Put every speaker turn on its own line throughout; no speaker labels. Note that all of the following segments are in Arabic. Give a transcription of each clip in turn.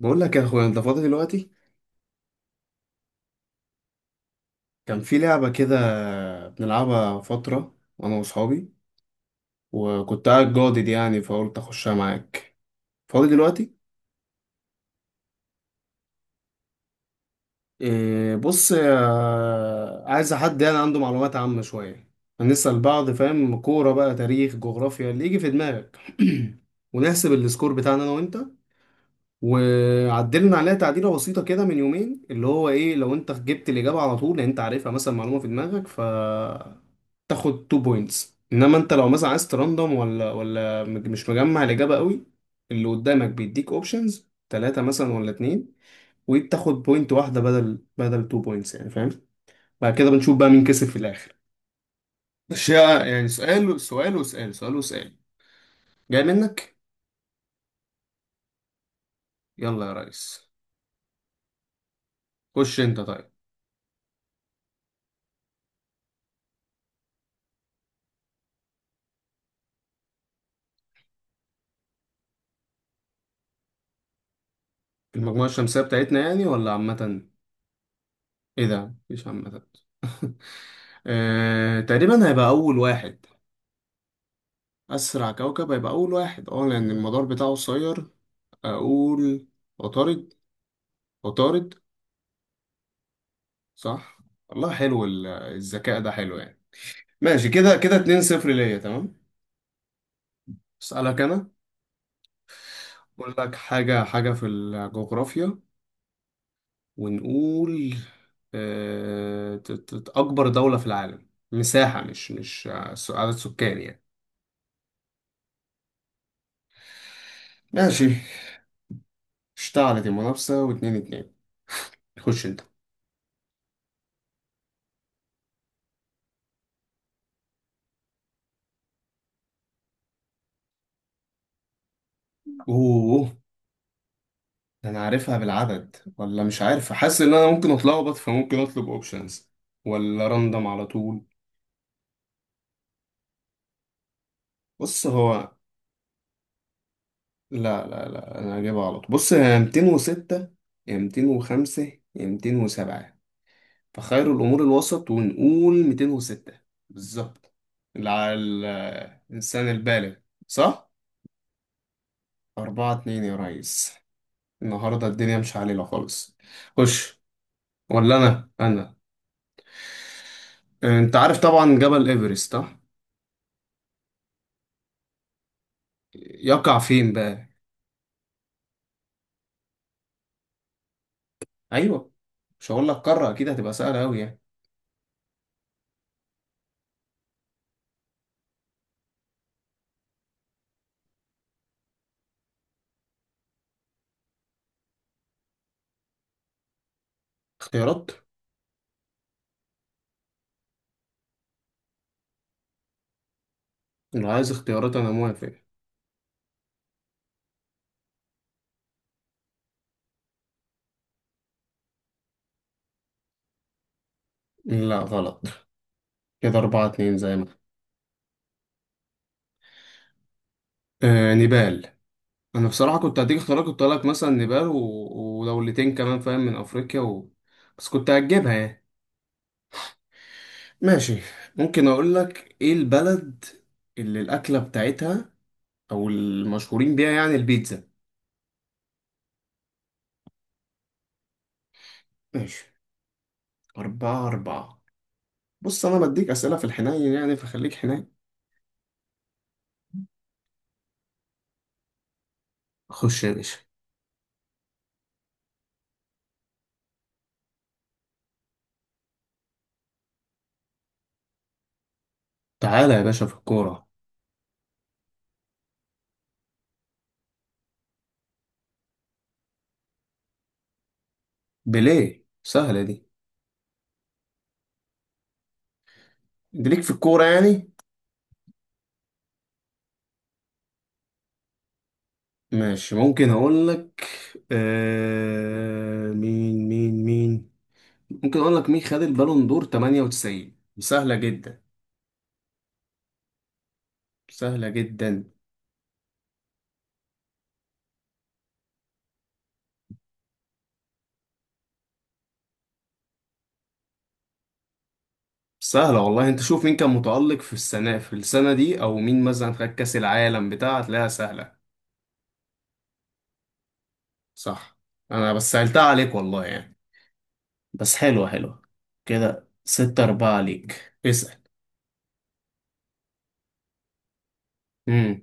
بقول لك يا اخويا، انت فاضي دلوقتي؟ كان في لعبة كده بنلعبها فترة انا واصحابي، وكنت قاعد جادد يعني فقلت اخشها معاك. فاضي دلوقتي؟ إيه بص، عايز حد يعني عنده معلومات عامة شوية، هنسأل بعض. فاهم كورة بقى، تاريخ، جغرافيا، اللي يجي في دماغك. ونحسب السكور بتاعنا انا وانت. وعدلنا عليها تعديلة بسيطة كده من يومين، اللي هو ايه، لو انت جبت الإجابة على طول لان انت عارفها مثلا، معلومة في دماغك، ف تاخد 2 بوينتس. انما انت لو مثلا عايز تراندوم، ولا مش مجمع الاجابه قوي، اللي قدامك بيديك اوبشنز ثلاثه مثلا ولا اتنين، وبتاخد بوينت واحده بدل 2 بوينتس يعني، فاهم؟ بعد كده بنشوف بقى مين كسب في الاخر. اشياء يعني، سؤال سؤال وسؤال سؤال وسؤال. جاي منك. يلا يا ريس. خش انت طيب. المجموعه الشمسيه بتاعتنا يعني ولا عامه؟ ايه ده مش عامه. آه، تقريبا هيبقى اول واحد. اسرع كوكب هيبقى اول واحد، اه، لان المدار بتاعه قصير. اقول عطارد. عطارد. صح. والله حلو، الذكاء ده حلو يعني. ماشي، كده كده 2 0 ليا، تمام. اسالك انا. اقول لك حاجه حاجه في الجغرافيا، ونقول، اكبر دوله في العالم مساحه، مش عدد سكان يعني. ماشي. اشتعلت المنافسه، واتنين اتنين. خش انت. اوه، ده انا عارفها بالعدد ولا مش عارف. حاسس ان انا ممكن اتلخبط، فممكن اطلب اوبشنز ولا راندم على طول. بص هو، لا لا لا انا هجيبها غلط. بص هي 206 يا 205 يا 207، فخير الامور الوسط ونقول 206. بالظبط. على الانسان البالغ. صح. 4 2 يا ريس. النهارده الدنيا مش علينا خالص. خش. ولا انا؟ انت عارف طبعا جبل ايفرست، صح؟ يقع فين بقى؟ ايوه. مش هقول لك قاره اكيد هتبقى سهله قوي يعني. اختيارات؟ لو عايز اختيارات انا موافق. لا، غلط. كده أربعة اتنين، زي ما. آه نيبال. أنا بصراحة كنت هديك اختيارات، كنت هقولك مثلا نيبال و... ودولتين كمان فاهم من أفريقيا و... بس كنت هجيبها يعني. ماشي. ممكن أقولك إيه البلد اللي الأكلة بتاعتها أو المشهورين بيها يعني، البيتزا. ماشي. أربعة أربعة. بص، أنا بديك أسئلة في الحنين يعني، فخليك حنين. خش يا باشا. تعالى يا باشا في الكورة. بيليه، سهلة دي. أنت ليك في الكورة يعني. ماشي، ممكن اقول لك. آه، مين ممكن اقول لك، مين خد البالون دور 98؟ سهلة جدا، سهلة جدا. سهلة والله، انت شوف مين كان متألق في السنة في السنة دي، او مين مثلا خد كأس العالم بتاع، هتلاقيها سهلة. صح. انا بس سهلتها عليك والله يعني، بس حلوة، حلوة. كده ستة أربعة ليك، اسأل. مم.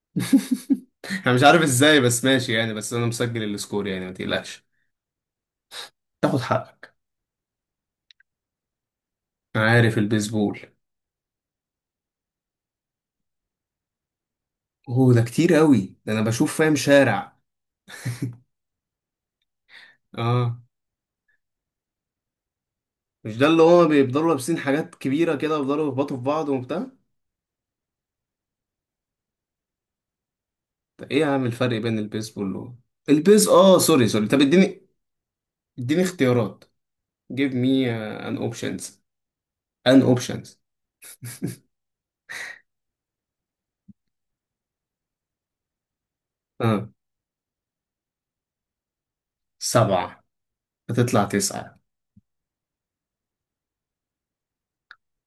انا مش عارف ازاي بس، ماشي يعني. بس انا مسجل السكور يعني، ما تقلقش، تاخد حقك. عارف البيسبول؟ هو ده كتير قوي، ده انا بشوف فاهم شارع. اه. مش ده اللي هو بيفضلوا لابسين حاجات كبيره كده ويفضلوا يخبطوا في بعض وبتاع؟ طب ايه يا عم الفرق بين البيسبول و البيز، سوري سوري. طب اديني، اديني اختيارات. Give me an options. An options. اه سبعة. هتطلع تسعة.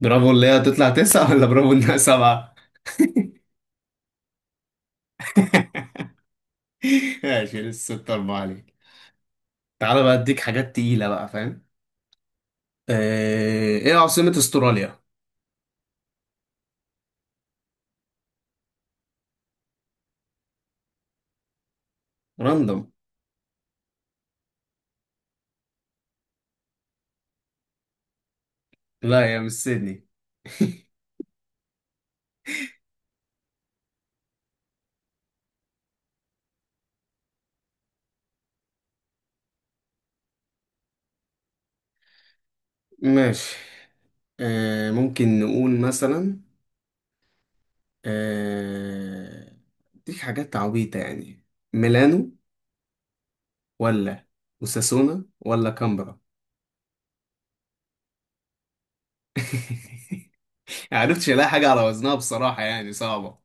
برافو، اللي هي هتطلع تسعة ولا برافو انها سبعة؟ ماشي، لسه ستة أربعة عليك. تعالى بقى اديك حاجات تقيلة بقى، فاهم؟ آه، ايه عاصمة استراليا؟ راندوم. لا يا، مش سيدني. ماشي. آه، ممكن نقول مثلا، آه، ديك حاجات عبيطة يعني، ميلانو ولا وساسونا ولا كامبرا. معرفتش الاقي حاجة على وزنها بصراحة يعني، صعبة.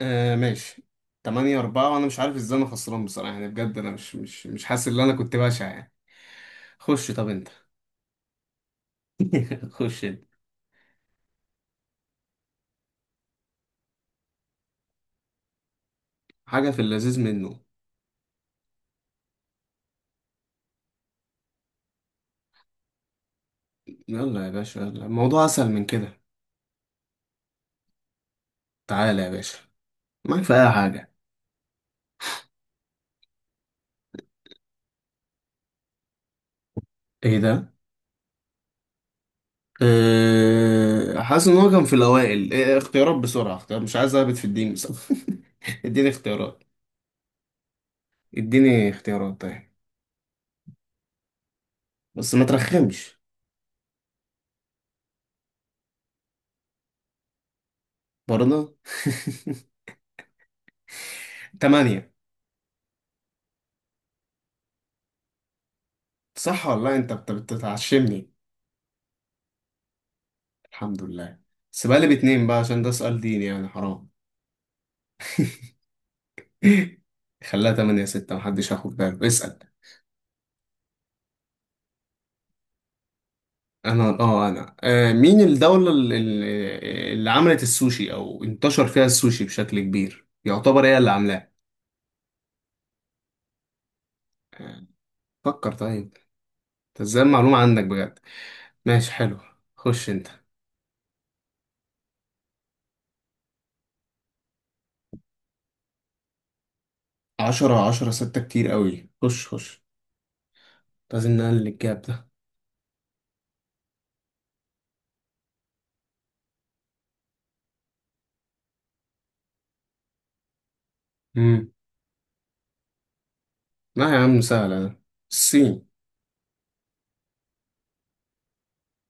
آه ماشي. تمانية أربعة، وأنا مش عارف إزاي أنا خسران بصراحة يعني، بجد أنا مش حاسس إن أنا كنت بشع يعني. خش طب أنت. خش أنت. حاجة في اللذيذ منه. يلا يا باشا، يلا الموضوع أسهل من كده. تعالى يا باشا، معاك في اي حاجه. ايه ده. أه، حاسس ان هو كان في الاوائل، إيه اختيارات بسرعه، اختيار، مش عايز اهبط في الدين بس. اديني اختيارات. اديني اختيارات طيب، بس ما ترخمش. برضه. تمانية. صح والله، انت بتتعشمني. الحمد لله. بس بقى لي باتنين بقى، عشان ده سؤال ديني يعني، حرام. خليها تمانية ستة، محدش هياخد باله. اسأل. انا، مين الدولة اللي عملت السوشي او انتشر فيها السوشي بشكل كبير يعتبر هي اللي عاملاه؟ آه، فكر طيب. انت ازاي المعلومة عندك بجد. ماشي حلو. خش انت. عشرة عشرة ستة كتير قوي، خش خش. لازم نقلل الجاب ده. مم. لا يا عم سهلة ده، الصين.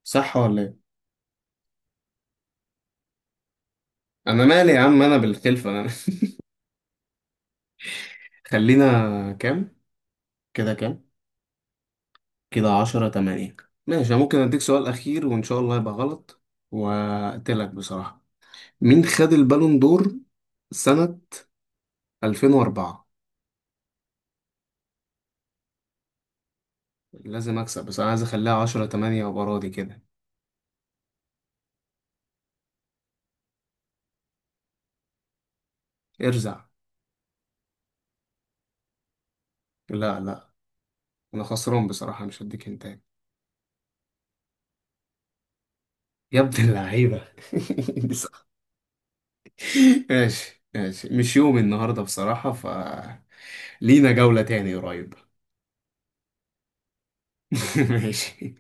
صح ولا ايه؟ انا مالي يا عم، انا بالخلفة انا. خلينا. كام، كده كام، كده عشرة تمانية. ماشي. أنا ممكن أديك سؤال أخير وإن شاء الله يبقى غلط وأقتلك بصراحة. مين خد البالون دور سنة 2004؟ لازم أكسب، بس أنا عايز أخليها عشرة تمانية وأبقى راضي كده. ارزع. لا لا. أنا خسران بصراحة، مش هديك هنتاية. يا ابن اللعيبة. دي صح. ماشي ماشي، مش يوم النهاردة بصراحة. ف لينا جولة تاني قريب. ماشي.